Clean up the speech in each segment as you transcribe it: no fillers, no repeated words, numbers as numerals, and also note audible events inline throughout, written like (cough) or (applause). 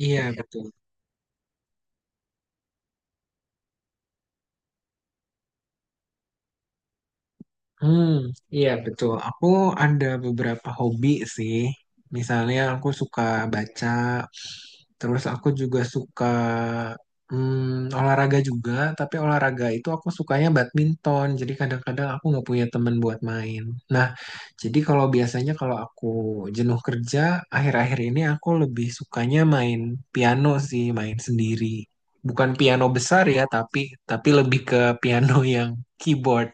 Iya, betul. Hmm, iya, betul. Aku ada beberapa hobi sih. Misalnya aku suka baca, terus aku juga suka olahraga juga, tapi olahraga itu aku sukanya badminton. Jadi kadang-kadang aku nggak punya temen buat main. Nah, jadi kalau biasanya kalau aku jenuh kerja, akhir-akhir ini aku lebih sukanya main piano sih, main sendiri. Bukan piano besar ya, tapi lebih ke piano yang keyboard.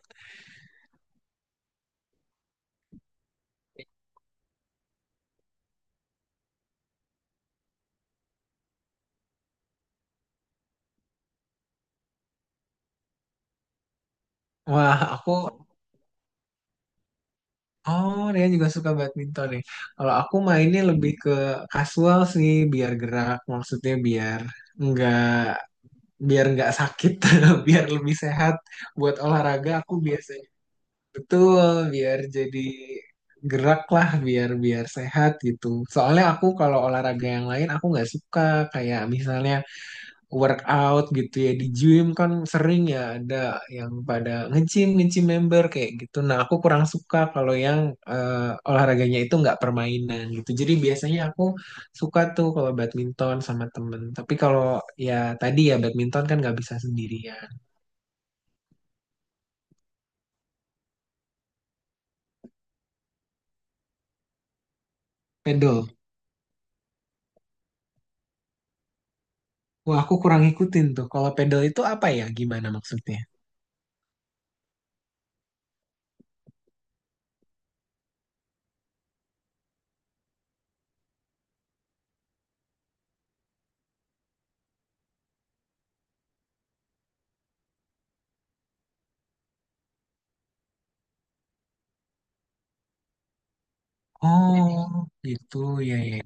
Wah, aku. Oh, dia juga suka badminton nih. Kalau aku mainnya lebih ke casual sih, biar gerak, maksudnya nggak biar nggak sakit, (laughs) biar lebih sehat. Buat olahraga aku biasanya betul, biar jadi gerak lah, biar biar sehat gitu. Soalnya aku kalau olahraga yang lain aku nggak suka, kayak misalnya workout gitu ya di gym kan sering ya ada yang pada nge-gym nge-gym member kayak gitu. Nah aku kurang suka kalau yang olahraganya itu nggak permainan gitu. Jadi biasanya aku suka tuh kalau badminton sama temen. Tapi kalau ya tadi ya badminton kan nggak bisa sendirian. Pedal. Wah, aku kurang ngikutin tuh. Kalau pedal itu apa ya? Gimana maksudnya? Oh, gitu ya, ya.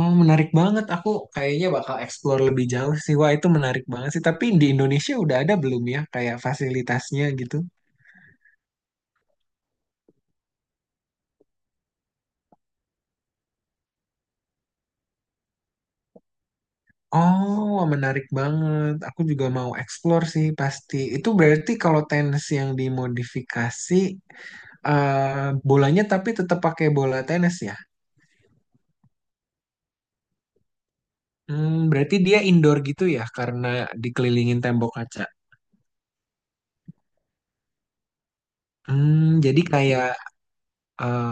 Oh, menarik banget. Aku kayaknya bakal explore lebih jauh sih. Wah, itu menarik banget sih. Tapi di Indonesia udah ada belum ya kayak fasilitasnya gitu? Oh, menarik banget. Aku juga mau explore sih pasti. Itu berarti kalau tenis yang dimodifikasi. Eh, bolanya tapi tetap pakai bola tenis ya. Hmm, berarti dia indoor gitu ya karena dikelilingin tembok kaca. Hmm, jadi kayak eh,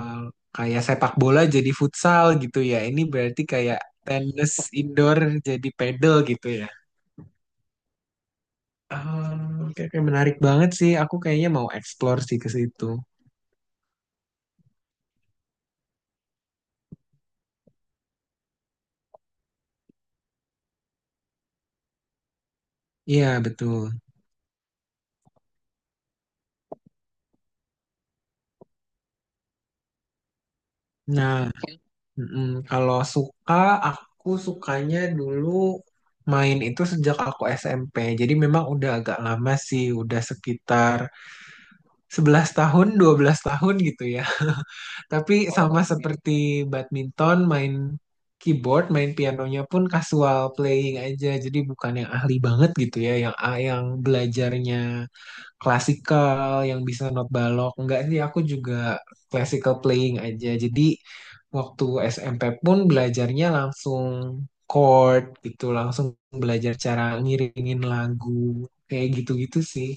kayak sepak bola jadi futsal gitu ya. Ini berarti kayak tenis indoor jadi pedal gitu ya. Ah, oke, oke, menarik banget sih. Aku kayaknya mau explore sih ke situ. Iya, betul. Nah, mm-mm. Kalau suka, aku sukanya dulu main itu sejak aku SMP. Jadi memang udah agak lama sih, udah sekitar 11 tahun, 12 tahun gitu ya. (laughs) Tapi, oh, sama oke, seperti badminton, main keyboard, main pianonya pun casual playing aja. Jadi bukan yang ahli banget gitu ya, yang yang belajarnya klasikal, yang bisa not balok. Enggak sih, aku juga classical playing aja. Jadi waktu SMP pun belajarnya langsung chord gitu, langsung belajar cara ngiringin lagu, kayak gitu-gitu sih.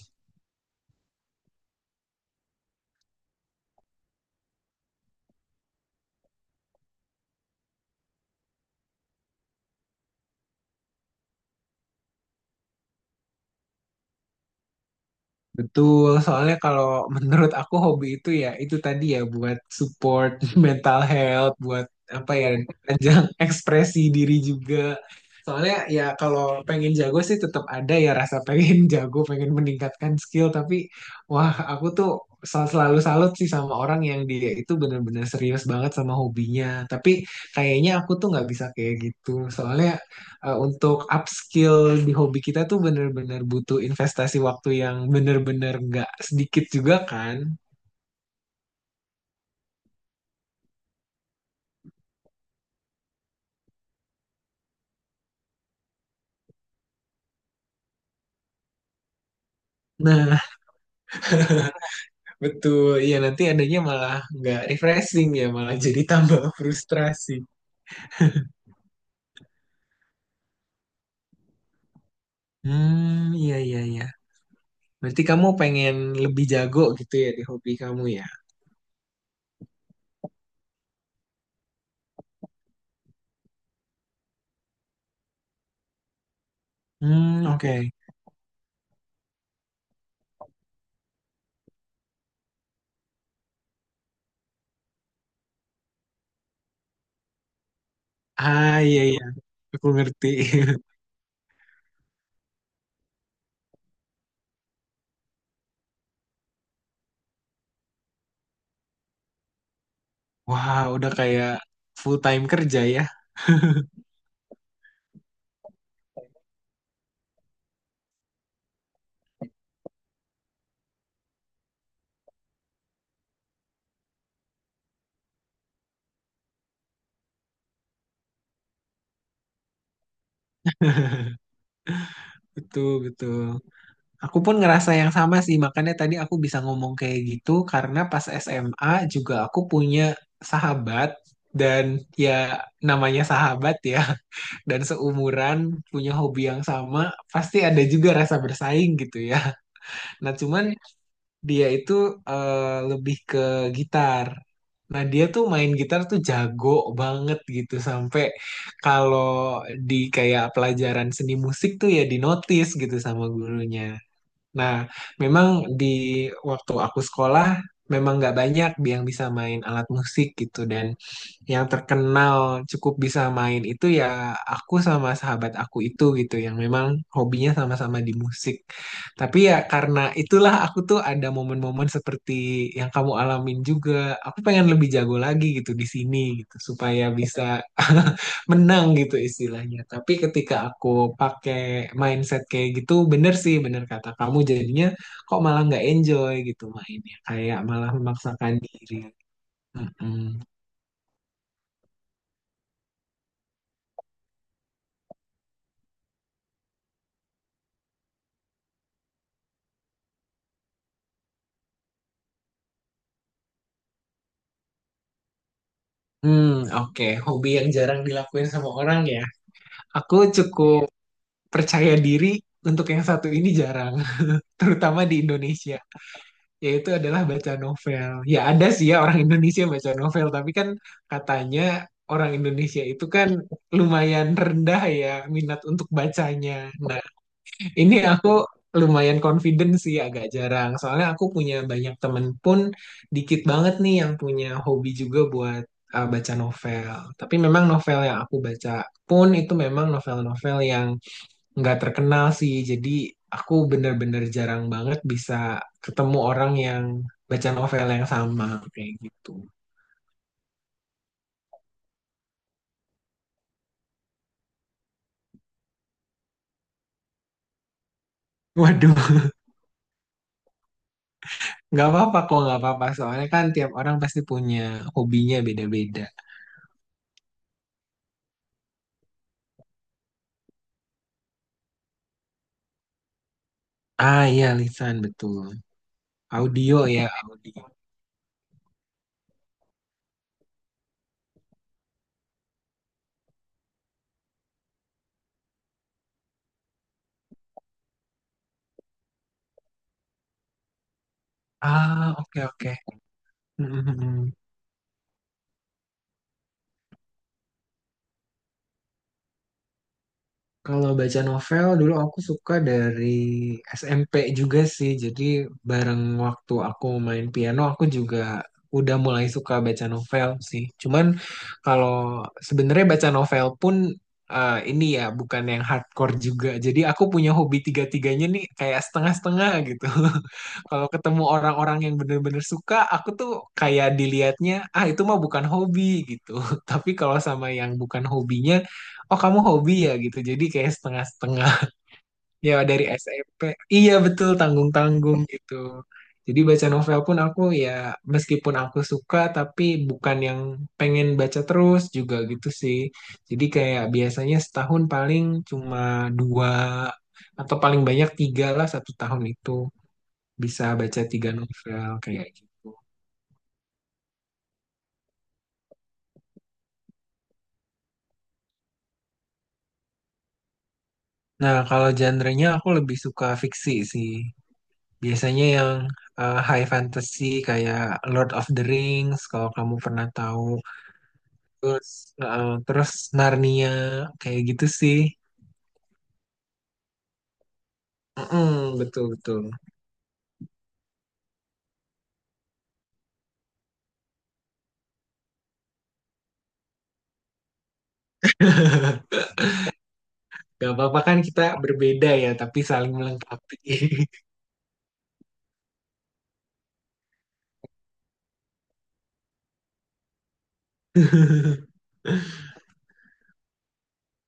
Betul, soalnya kalau (laughs) menurut aku hobi itu ya itu tadi ya buat support (laughs) mental health, buat apa ya, ajang (laughs) ekspresi diri juga. Soalnya ya kalau pengen jago sih tetap ada ya rasa pengen (laughs) jago, pengen meningkatkan skill, tapi wah aku tuh selalu salut sih sama orang yang dia itu bener-bener serius banget sama hobinya. Tapi kayaknya aku tuh nggak bisa kayak gitu. Soalnya untuk upskill di hobi kita tuh bener-bener butuh investasi waktu yang bener-bener nggak sedikit juga kan. Nah, (laughs) betul. Iya, nanti adanya malah nggak refreshing ya, malah (laughs) jadi tambah frustrasi. Hmm, iya, iya, iya. Berarti kamu pengen lebih jago gitu ya di hobi kamu ya? Hmm, oke. Ah, iya, iya. Aku ngerti. (laughs) Wah, udah kayak full time kerja ya. Betul, betul. Aku pun ngerasa yang sama sih, makanya tadi aku bisa ngomong kayak gitu karena pas SMA juga aku punya sahabat dan ya namanya sahabat ya, (laughs) dan seumuran punya hobi yang sama, pasti ada juga rasa bersaing gitu ya. Nah, cuman dia itu lebih ke gitar. Nah, dia tuh main gitar tuh jago banget gitu sampai kalau di kayak pelajaran seni musik tuh ya dinotis gitu sama gurunya. Nah, memang di waktu aku sekolah memang nggak banyak yang bisa main alat musik gitu dan yang terkenal cukup bisa main itu ya aku sama sahabat aku itu gitu yang memang hobinya sama-sama di musik. Tapi ya karena itulah aku tuh ada momen-momen seperti yang kamu alamin juga. Aku pengen lebih jago lagi gitu di sini gitu supaya bisa (laughs) menang gitu istilahnya. Tapi ketika aku pakai mindset kayak gitu bener sih bener kata kamu jadinya kok malah nggak enjoy gitu mainnya kayak malah memaksakan diri. Mm-mm. Hmm, oke. Hobi yang jarang dilakuin sama orang ya. Aku cukup percaya diri untuk yang satu ini jarang, (laughs) terutama di Indonesia, yaitu adalah baca novel. Ya ada sih ya orang Indonesia baca novel, tapi kan katanya orang Indonesia itu kan lumayan rendah ya minat untuk bacanya. Nah, ini aku lumayan confident sih agak jarang. Soalnya aku punya banyak temen pun dikit banget nih yang punya hobi juga buat baca novel. Tapi memang novel yang aku baca pun itu memang novel-novel yang nggak terkenal sih. Jadi aku bener-bener jarang banget bisa ketemu orang yang baca novel yang sama kayak gitu. Waduh, (laughs) nggak apa-apa kok, nggak apa-apa. Soalnya kan tiap orang pasti punya hobinya beda-beda. Ah iya, lisan betul. Audio ya, audio. Ah, oke oke. Mhm mhm. Kalau baca novel dulu aku suka dari SMP juga sih. Jadi bareng waktu aku main piano aku juga udah mulai suka baca novel sih. Cuman kalau sebenarnya baca novel pun ini ya bukan yang hardcore juga. Jadi aku punya hobi tiga-tiganya nih kayak setengah-setengah gitu. (laughs) Kalau ketemu orang-orang yang bener-bener suka, aku tuh kayak dilihatnya, ah itu mah bukan hobi gitu. (laughs) Tapi kalau sama yang bukan hobinya, oh kamu hobi ya gitu, jadi kayak setengah-setengah (laughs) ya dari SMP. Iya betul tanggung-tanggung gitu. Jadi baca novel pun aku ya meskipun aku suka tapi bukan yang pengen baca terus juga gitu sih. Jadi kayak biasanya setahun paling cuma dua atau paling banyak tiga lah satu tahun itu bisa baca tiga novel kayak gitu. Nah kalau genre-nya aku lebih suka fiksi sih. Biasanya yang high fantasy kayak Lord of the Rings kalau kamu pernah tahu. Terus terus Narnia kayak gitu sih. Mm-mm, betul betul. (laughs) Gak apa-apa kan kita berbeda ya, tapi saling melengkapi. (laughs)